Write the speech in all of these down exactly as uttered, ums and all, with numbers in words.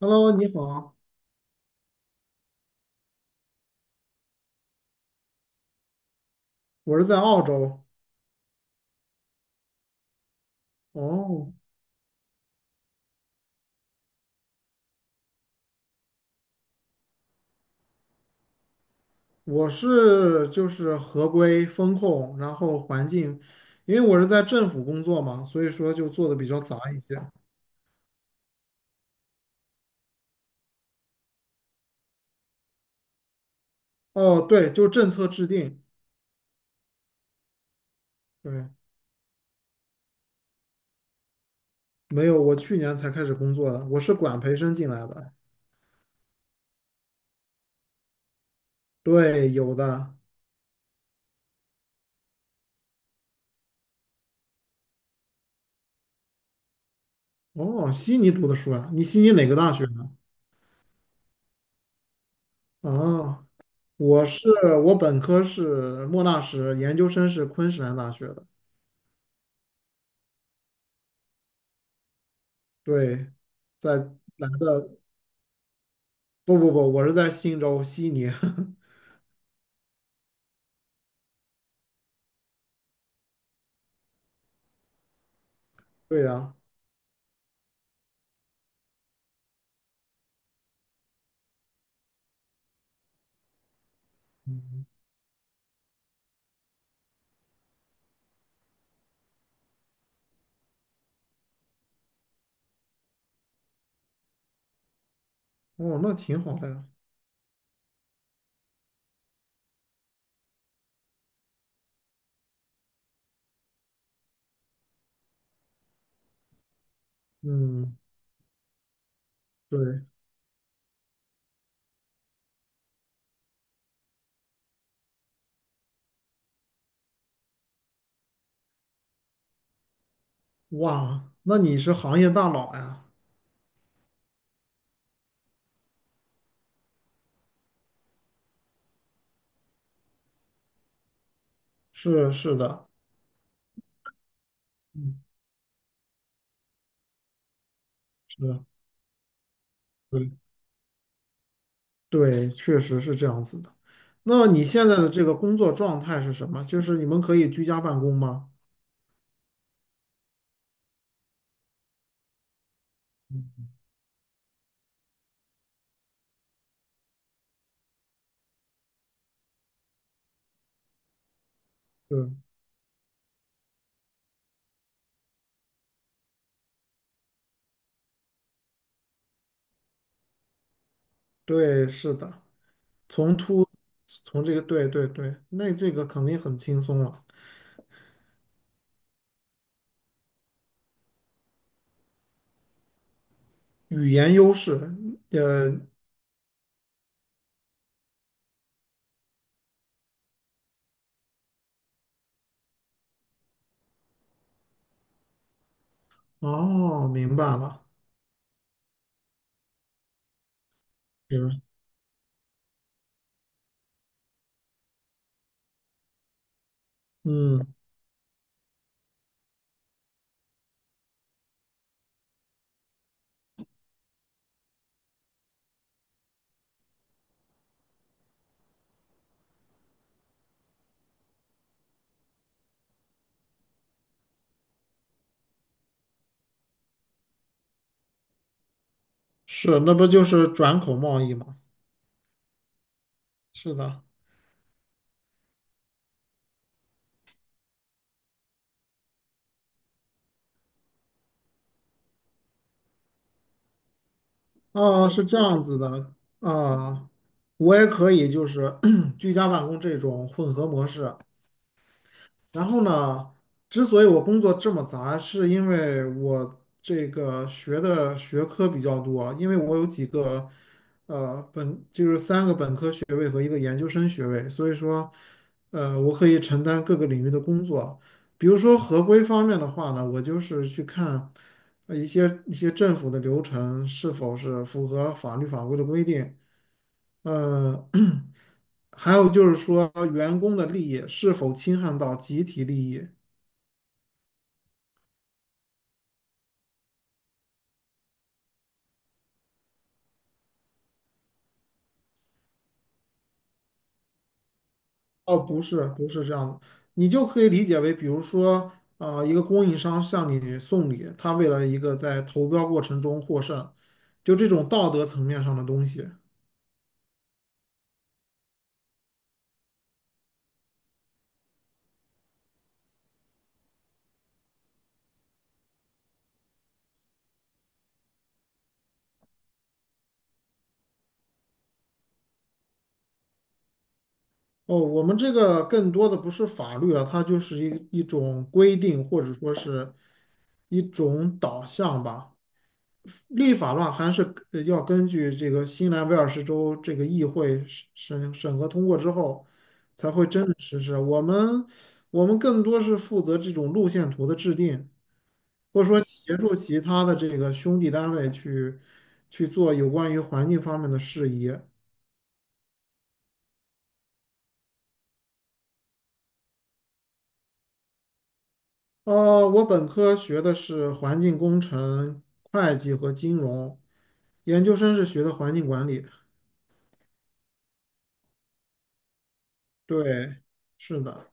Hello，你好，我是在澳洲。哦，我是就是合规风控，然后环境，因为我是在政府工作嘛，所以说就做的比较杂一些。哦，对，就政策制定。对，没有，我去年才开始工作的，我是管培生进来的。对，有的。哦，悉尼读的书啊，你悉尼哪个大学的？哦，我是我本科是莫纳什，研究生是昆士兰大学的。对，在来的。不不不，我是在新州悉尼。对呀，哦，那挺好的呀。嗯，对，哇，那你是行业大佬呀？是是的，嗯，是，对对，确实是这样子的。那你现在的这个工作状态是什么？就是你们可以居家办公吗？对对，是的，从这个对对对，那这个肯定很轻松了。语言优势，呃，哦，明白了，是，嗯，是，那不就是转口贸易吗？是的，啊，是这样子的，啊，我也可以就是 居家办公这种混合模式，然后呢，之所以我工作这么杂，是因为我这个学的学科比较多，因为我有几个，呃，本就是三个本科学位和一个研究生学位，所以说，呃，我可以承担各个领域的工作。比如说合规方面的话呢，我就是去看呃一些一些政府的流程是否是符合法律法规的规定。呃，还有就是说，员工的利益是否侵害到集体利益？哦，不是，不是这样的，你就可以理解为，比如说，啊、一个供应商向你送礼，他为了一个在投标过程中获胜，就这种道德层面上的东西。哦，我们这个更多的不是法律了，它就是一一种规定，或者说是一种导向吧。立法的话还是呃要根据这个新南威尔士州这个议会审审审核通过之后，才会真的实施。我们我们更多是负责这种路线图的制定，或者说协助其他的这个兄弟单位去去做有关于环境方面的事宜。呃，我本科学的是环境工程、会计和金融，研究生是学的环境管理的。对，是的。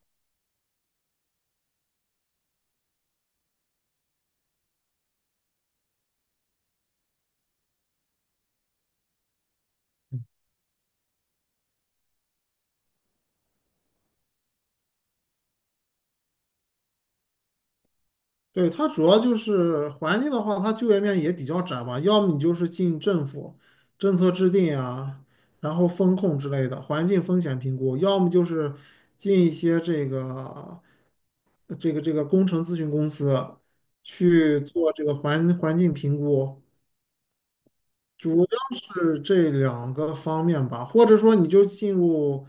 对，它主要就是环境的话，它就业面也比较窄吧，要么你就是进政府政策制定啊，然后风控之类的环境风险评估，要么就是进一些这个这个这个工程咨询公司去做这个环环境评估，主要是这两个方面吧，或者说你就进入，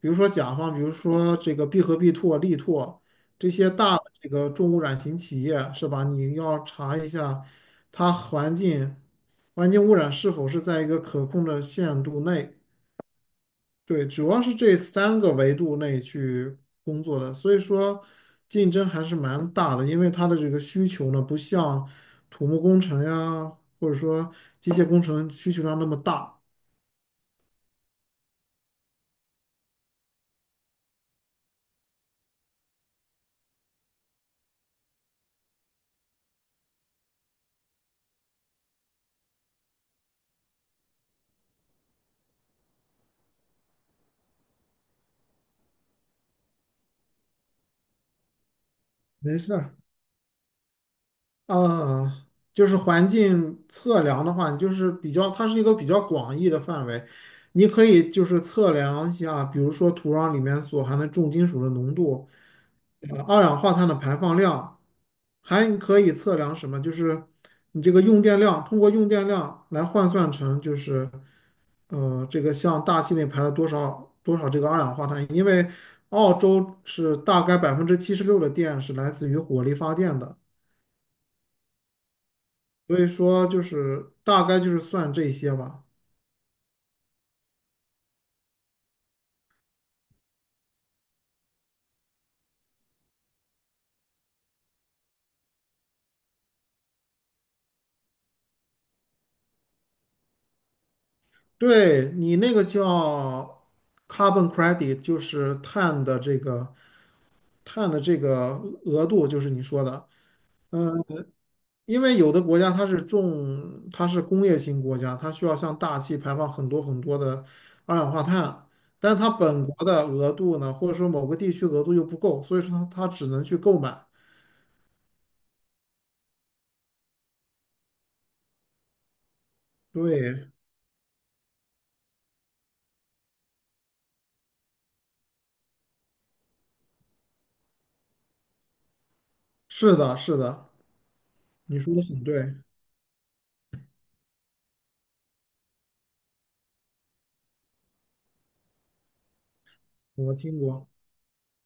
比如说甲方，比如说这个必和必拓、力拓这些大的这个重污染型企业，是吧？你要查一下它环境环境污染是否是在一个可控的限度内，对，主要是这三个维度内去工作的，所以说竞争还是蛮大的，因为它的这个需求呢，不像土木工程呀，或者说机械工程需求量那么大。没事儿。呃，就是环境测量的话，你就是比较，它是一个比较广义的范围，你可以就是测量一下，比如说土壤里面所含的重金属的浓度，呃，二氧化碳的排放量，还可以测量什么？就是你这个用电量，通过用电量来换算成就是呃，这个像大气内排了多少多少这个二氧化碳，因为澳洲是大概百分之七十六的电是来自于火力发电的。所以说就是大概就是算这些吧。对，你那个叫 carbon credit，就是碳的这个碳的这个额度，就是你说的。因为有的国家它是重，它是工业型国家，它需要向大气排放很多很多的二氧化碳，但是它本国的额度呢，或者说某个地区额度又不够，所以说它它只能去购买。对，是的，是的，你说的很对，我听过。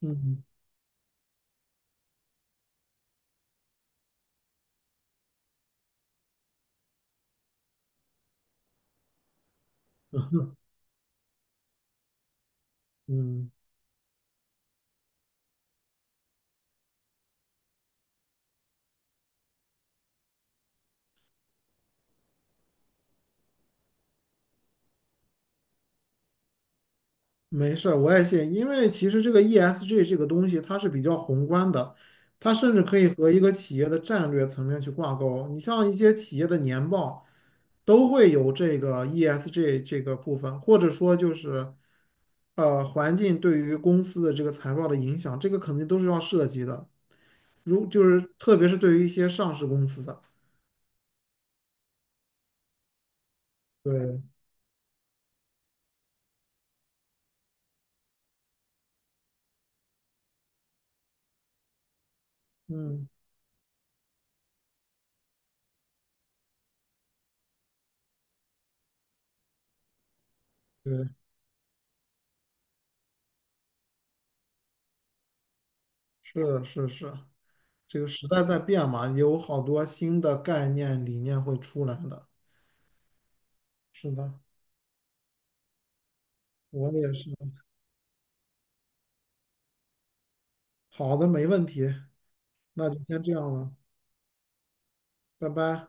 嗯嗯。没事儿，我也信，因为其实这个 E S G 这个东西它是比较宏观的，它甚至可以和一个企业的战略层面去挂钩。你像一些企业的年报都会有这个 E S G 这个部分，或者说就是呃环境对于公司的这个财报的影响，这个肯定都是要涉及的。如就是特别是对于一些上市公司的，对，嗯，对，是的是是，这个时代在变嘛，有好多新的概念理念会出来的。是的，我也是。好的，没问题，那就先这样了，拜拜。